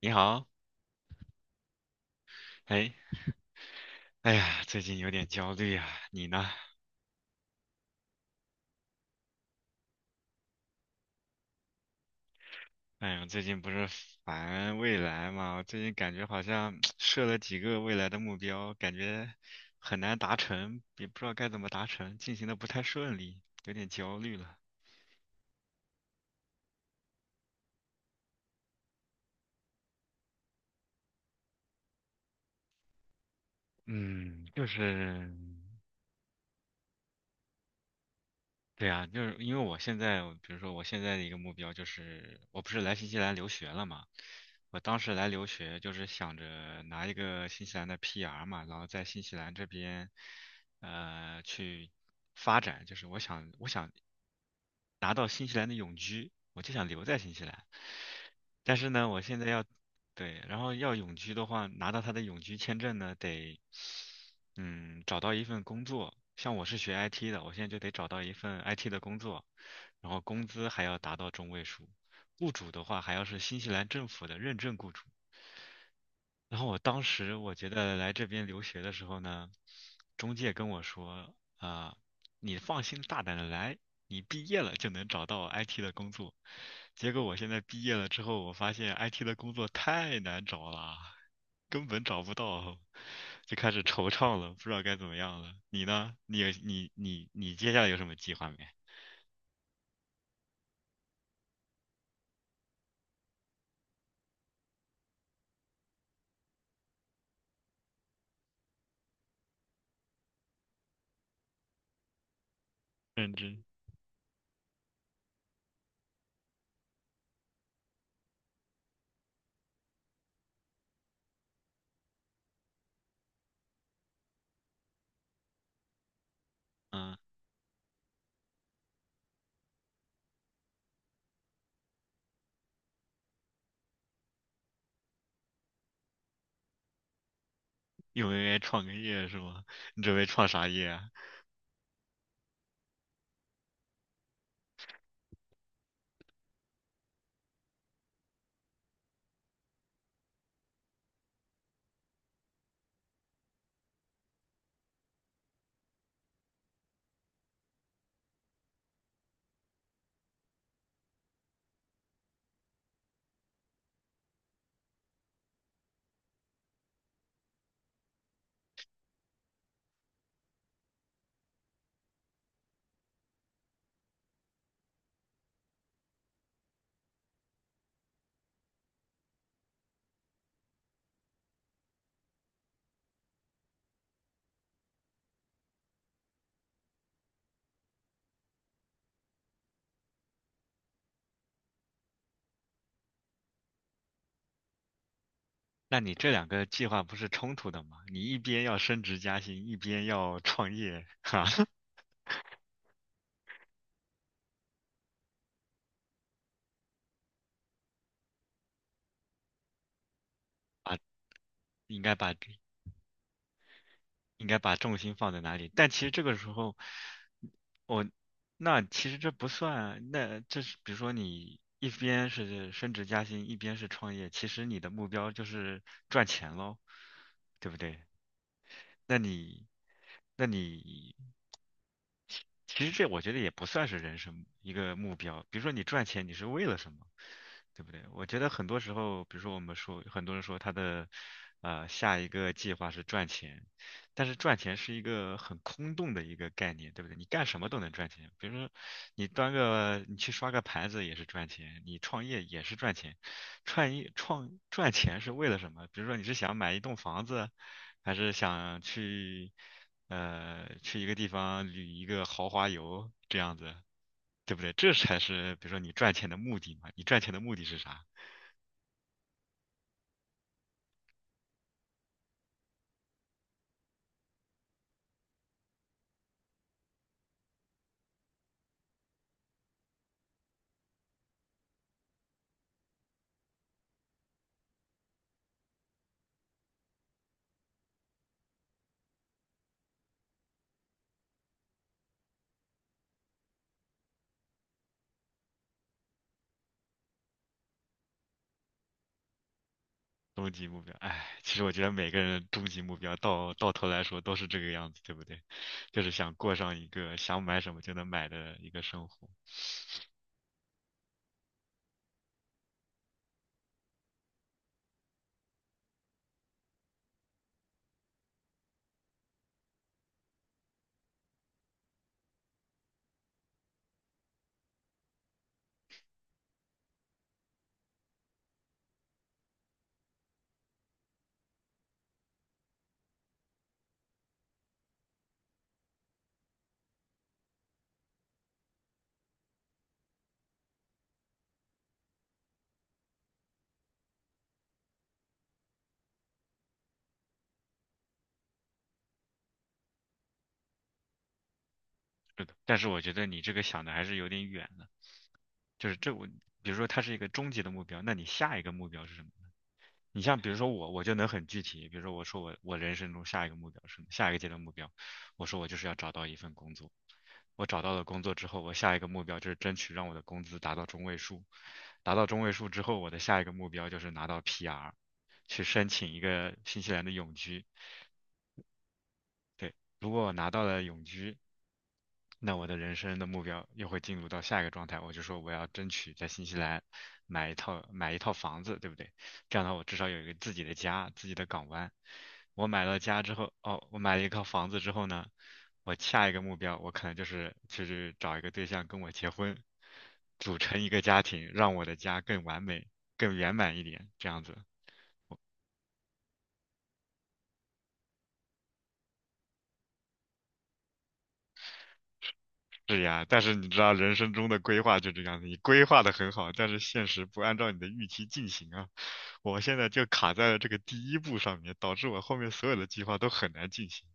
你好，哎，哎呀，最近有点焦虑啊，你呢？哎呀，最近不是烦未来嘛，我最近感觉好像 设了几个未来的目标，感觉很难达成，也不知道该怎么达成，进行的不太顺利，有点焦虑了。嗯，就是对呀，就是因为我现在，比如说我现在的一个目标就是，我不是来新西兰留学了嘛，我当时来留学就是想着拿一个新西兰的 PR 嘛，然后在新西兰这边，去发展，就是我想，拿到新西兰的永居，我就想留在新西兰。但是呢，我现在要，对，然后要永居的话，拿到他的永居签证呢，得，找到一份工作。像我是学 IT 的，我现在就得找到一份 IT 的工作，然后工资还要达到中位数。雇主的话还要是新西兰政府的认证雇主，然后我当时我觉得来这边留学的时候呢，中介跟我说啊、你放心大胆的来，你毕业了就能找到 IT 的工作。结果我现在毕业了之后，我发现 IT 的工作太难找了，根本找不到，就开始惆怅了，不知道该怎么样了。你呢？你接下来有什么计划没？认真，嗯，有没有创个业是吗？你准备创啥业啊？那你这两个计划不是冲突的吗？你一边要升职加薪，一边要创业，哈，啊，应该把应该把重心放在哪里？但其实这个时候，我那其实这不算，那这是比如说你一边是升职加薪，一边是创业，其实你的目标就是赚钱喽，对不对？那你那你其实这我觉得也不算是人生一个目标。比如说你赚钱，你是为了什么，对不对？我觉得很多时候，比如说我们说，很多人说他的下一个计划是赚钱，但是赚钱是一个很空洞的一个概念，对不对？你干什么都能赚钱，比如说你去刷个盘子也是赚钱，你创业也是赚钱，创业赚钱是为了什么？比如说你是想买一栋房子，还是想去一个地方旅一个豪华游这样子，对不对？这才是比如说你赚钱的目的嘛。你赚钱的目的是啥？终极目标，哎，其实我觉得每个人终极目标到头来说都是这个样子，对不对？就是想过上一个想买什么就能买的一个生活。是的，但是我觉得你这个想的还是有点远了。就是比如说它是一个终极的目标，那你下一个目标是什么？你像比如说我，我就能很具体，比如说我说我人生中下一个目标是下一个阶段目标，我说我就是要找到一份工作。我找到了工作之后，我下一个目标就是争取让我的工资达到中位数，达到中位数之后，我的下一个目标就是拿到 PR，去申请一个新西兰的永居。对，如果我拿到了永居，那我的人生的目标又会进入到下一个状态，我就说我要争取在新西兰买一套房子，对不对？这样的话，我至少有一个自己的家，自己的港湾。我买了家之后，哦，我买了一套房子之后呢，我下一个目标，我可能就是找一个对象跟我结婚，组成一个家庭，让我的家更完美、更圆满一点，这样子。是呀，但是你知道人生中的规划就这样子，你规划的很好，但是现实不按照你的预期进行啊。我现在就卡在了这个第一步上面，导致我后面所有的计划都很难进行。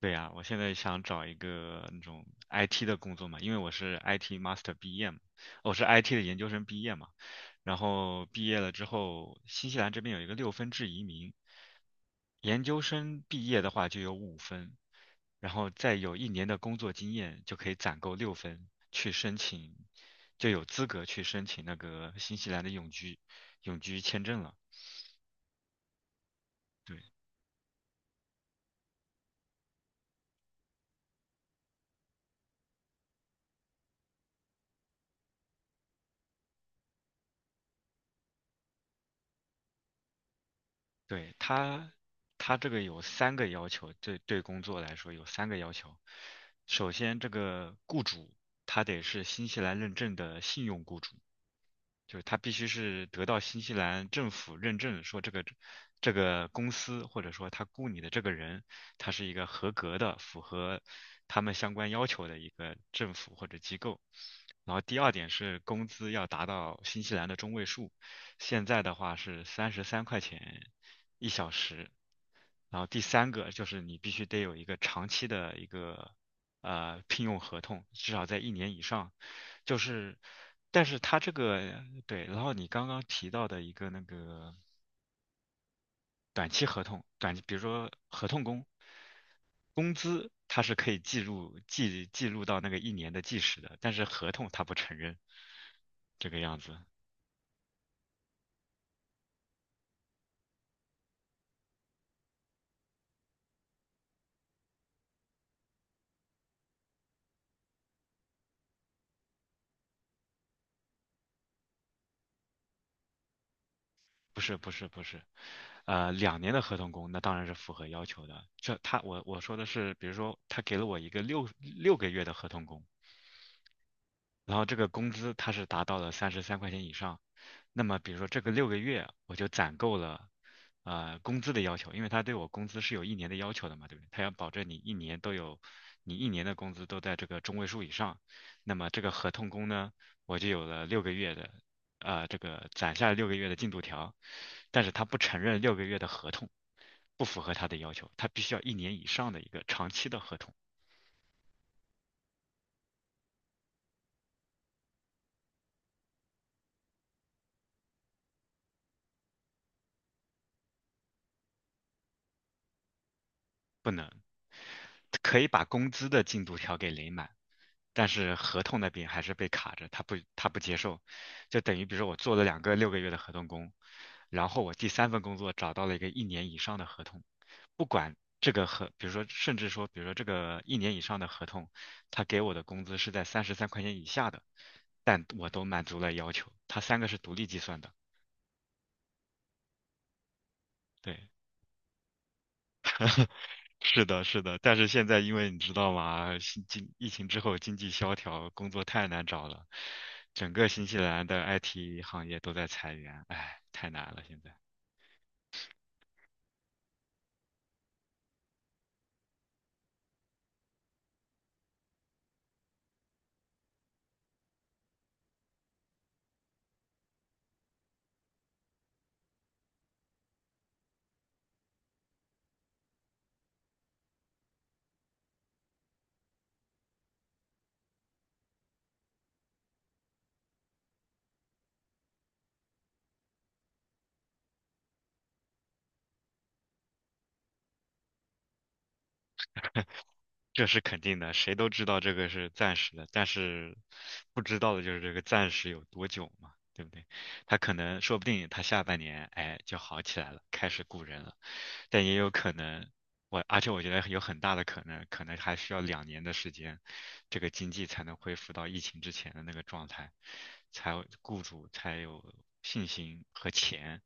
对呀，我现在想找一个那种 IT 的工作嘛，因为我是 IT master 毕业嘛，我是 IT 的研究生毕业嘛，然后毕业了之后，新西兰这边有一个6分制移民，研究生毕业的话就有5分，然后再有一年的工作经验就可以攒够六分，去申请，就有资格去申请那个新西兰的永居签证了。对。对，他这个有三个要求，对对工作来说有三个要求。首先，这个雇主他得是新西兰认证的信用雇主，就是它必须是得到新西兰政府认证，说这个公司或者说他雇你的这个人，他是一个合格的、符合他们相关要求的一个政府或者机构。然后第二点是工资要达到新西兰的中位数，现在的话是三十三块钱1小时。然后第三个就是你必须得有一个长期的一个聘用合同，至少在一年以上，就是，但是他这个对，然后你刚刚提到的一个那个短期合同，比如说合同工，工资他是可以记录到那个一年的计时的，但是合同他不承认这个样子，不是不是不是，两年的合同工那当然是符合要求的，这他我我说的是，比如说他给了我一个六个月的合同工，然后这个工资它是达到了三十三块钱以上，那么比如说这个六个月我就攒够了，工资的要求，因为他对我工资是有一年的要求的嘛，对不对？他要保证你一年都有，你一年的工资都在这个中位数以上，那么这个合同工呢，我就有了六个月的，这个攒下六个月的进度条，但是他不承认六个月的合同，不符合他的要求，他必须要一年以上的一个长期的合同。不能。可以把工资的进度条给垒满，但是合同那边还是被卡着，他不接受，就等于比如说我做了2个6个月的合同工，然后我第三份工作找到了一个一年以上的合同，不管这个合，比如说甚至说，比如说这个一年以上的合同，他给我的工资是在三十三块钱以下的，但我都满足了要求，他三个是独立计算的，对，是的，是的，但是现在因为你知道吗，新经疫情之后经济萧条，工作太难找了，整个新西兰的 IT 行业都在裁员，唉，太难了现在。这是肯定的，谁都知道这个是暂时的，但是不知道的就是这个暂时有多久嘛，对不对？他可能说不定他下半年哎就好起来了，开始雇人了，但也有可能而且我觉得有很大的可能，可能还需要两年的时间，这个经济才能恢复到疫情之前的那个状态，才有雇主才有信心和钱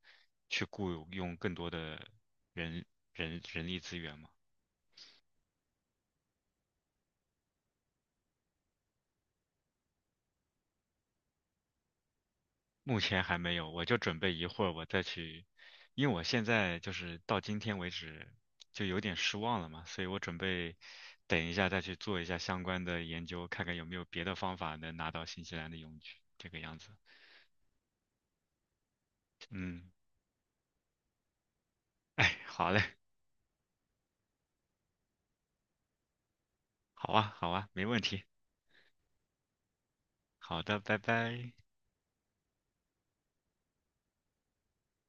去雇佣更多的人力资源嘛。目前还没有，我就准备一会儿我再去，因为我现在就是到今天为止就有点失望了嘛，所以我准备等一下再去做一下相关的研究，看看有没有别的方法能拿到新西兰的永居，这个样子。嗯，哎，好嘞，好啊，好啊，没问题。好的，拜拜。